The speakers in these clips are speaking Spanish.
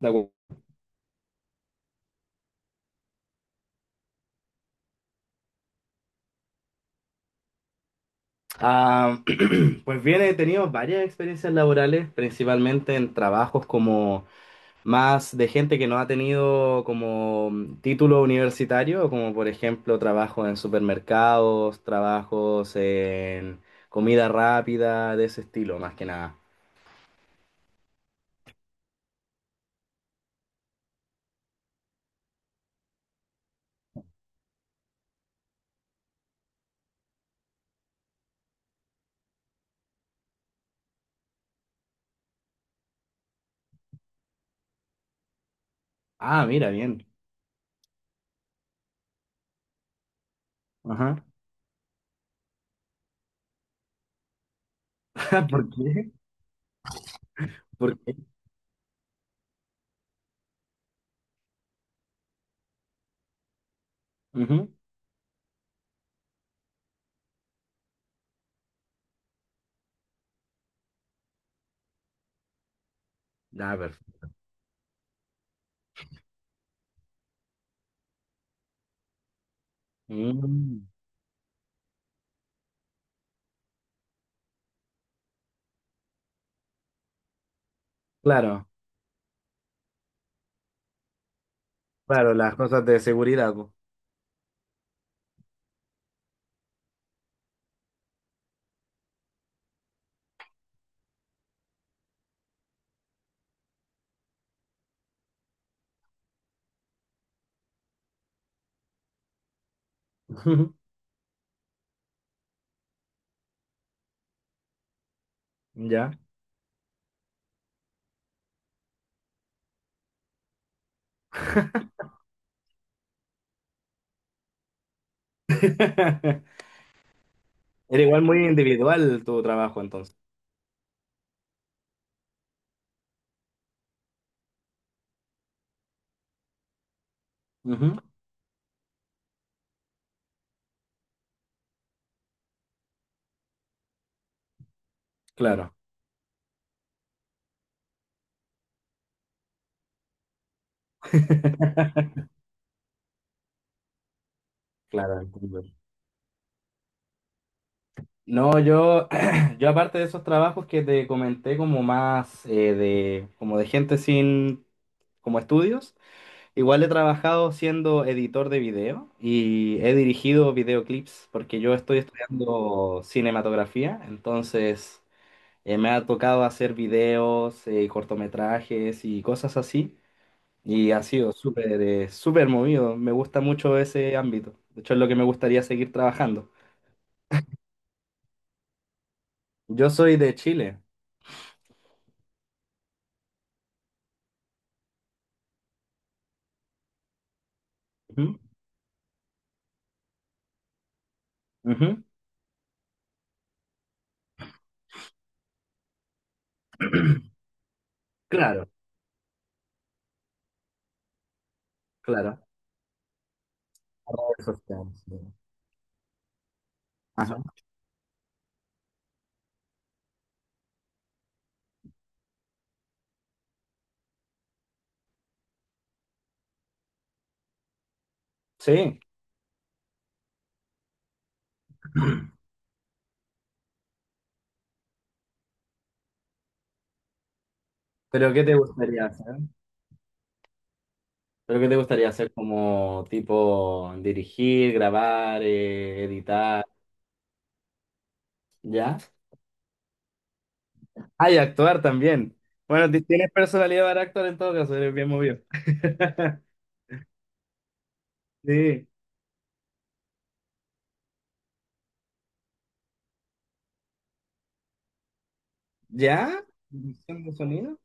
De acu- Ah, pues bien, he tenido varias experiencias laborales, principalmente en trabajos como más de gente que no ha tenido como título universitario, como por ejemplo trabajos en supermercados, trabajos en comida rápida, de ese estilo, más que nada. Ah, mira, bien. Ajá. ¿Por qué? ¿Por qué? Ujú. Ah, perfecto. Mm. Claro, claro, las cosas de seguridad. Po. Ya. Era igual muy individual tu trabajo entonces. Ujú. Claro. Claro, entiendo. No, yo, yo aparte de esos trabajos que te comenté como más de, como de gente sin, como estudios, igual he trabajado siendo editor de video y he dirigido videoclips porque yo estoy estudiando cinematografía, entonces me ha tocado hacer videos, y cortometrajes y cosas así. Y ha sido súper, súper movido. Me gusta mucho ese ámbito. De hecho, es lo que me gustaría seguir trabajando. Yo soy de Chile. Ujú, ujú. Claro, claro. Redes sociales, sí. Ajá. Sí, pero ¿qué te gustaría hacer? ¿Pero qué te gustaría hacer como tipo dirigir, grabar, editar? ¿Ya? Ah, y actuar también. Bueno, tienes personalidad para actuar en todo caso, eres bien movido. Sí. ¿Ya? ¿Edición de sonido?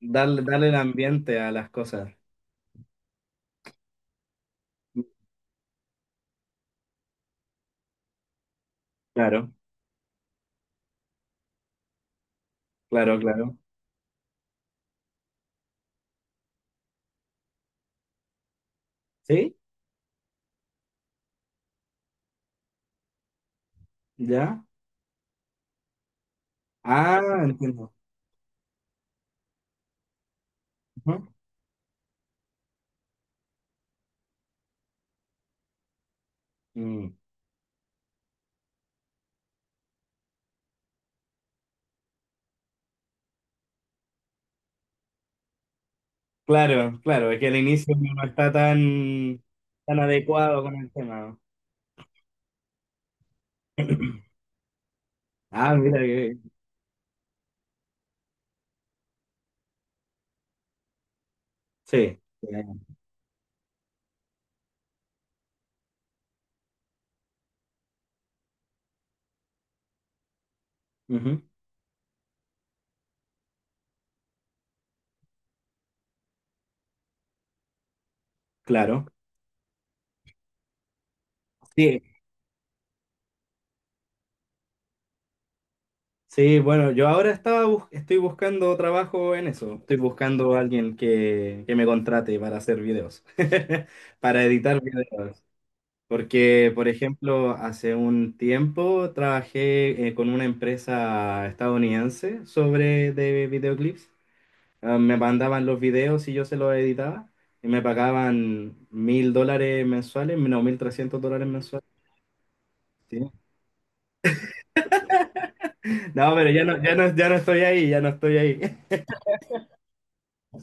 Darle, darle el ambiente a las cosas. Claro, claro, claro. ¿Sí? ¿Ya? Ah, entiendo. Ujú. Mm. Claro, claro, es que el inicio no está tan, tan adecuado con el tema. Ah, mira que... Sí. Ujú. Claro. Sí, sí, bueno, yo ahora estaba estoy buscando trabajo en eso. Estoy buscando a alguien que me contrate para hacer videos, para editar videos. Porque, por ejemplo, hace un tiempo trabajé con una empresa estadounidense sobre de videoclips. Ah, me mandaban los videos y yo se los editaba y me pagaban $1.000 mensuales, no, $1.300 mensuales. Sí. No, pero ya no, ya no, ya no estoy ahí, ya no estoy ahí.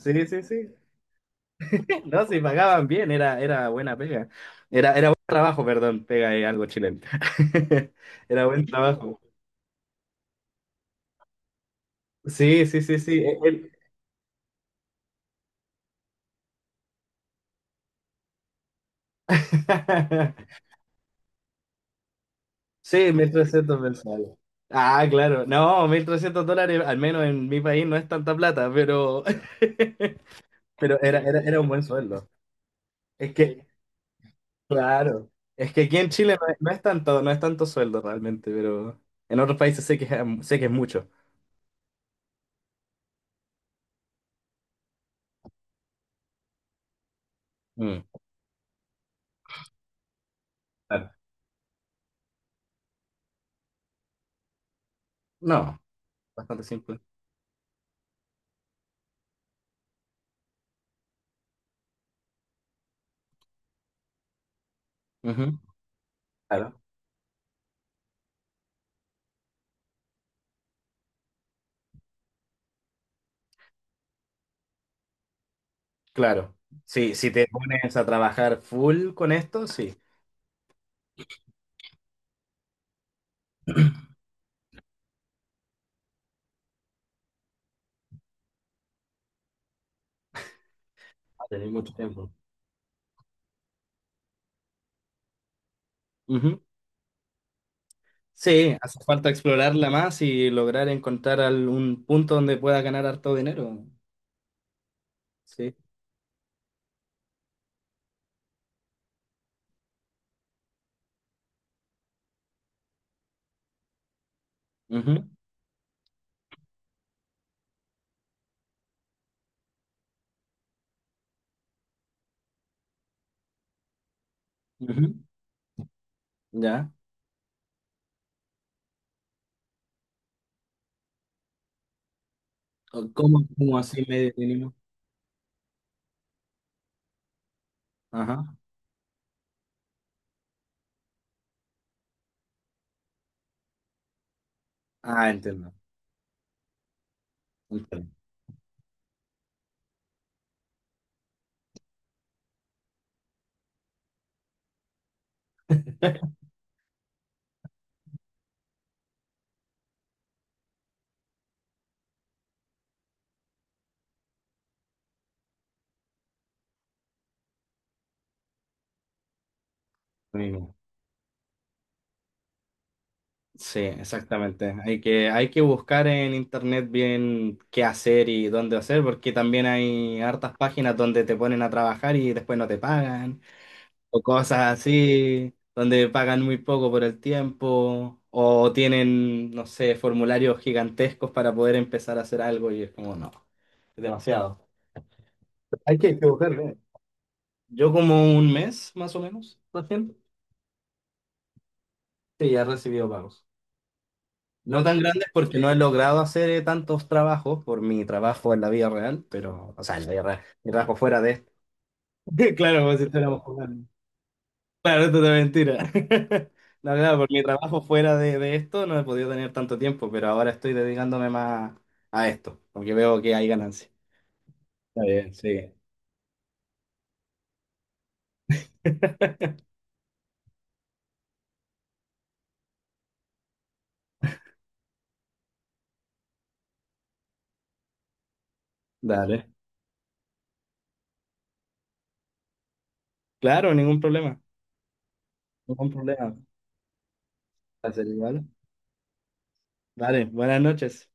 Sí, sí, sí. No, sí, pagaban bien, era, era buena pega. Era, era buen trabajo, perdón, pega es algo chileno. Era buen trabajo. Sí, sí, sí, sí. Sí, 1.300 mensuales. Ah, claro. No, $1.300, al menos en mi país, no es tanta plata, pero, pero era, era, era un buen sueldo. Es que, claro, es que aquí en Chile no es, no es tanto, no es tanto sueldo realmente, pero en otros países sé que es mucho. Mm, claro. No, bastante simple. Ujú. Claro, claro. Sí, si te pones a trabajar full con esto, sí. Va a tener mucho tiempo. Sí, hace falta explorarla más y lograr encontrar algún punto donde pueda ganar harto dinero. Sí. Ujú, ujú. Ya. O ¿cómo, cómo así medio mínimo? Ajá. Ah, entiendo. Entiendo. Mínimo. Sí, exactamente. Hay que buscar en internet bien qué hacer y dónde hacer, porque también hay hartas páginas donde te ponen a trabajar y después no te pagan. O cosas así, donde pagan muy poco por el tiempo, o tienen, no sé, formularios gigantescos para poder empezar a hacer algo y es como, no, es demasiado. Hay que equivocarle. Yo como un mes, más o menos, recién, sí, ya he recibido pagos. No tan grandes porque no he logrado hacer tantos trabajos por mi trabajo en la vida real, pero, o sea, en la vida real, mi trabajo fuera de esto. Claro, como si estuviéramos jugando. Claro, esto es mentira. No, claro, por mi trabajo fuera de esto no he podido tener tanto tiempo, pero ahora estoy dedicándome más a esto, porque veo que hay ganancia. Está bien, sí. Dale. Claro, ningún problema. Ningún problema. Va a ser igual. Dale, buenas noches.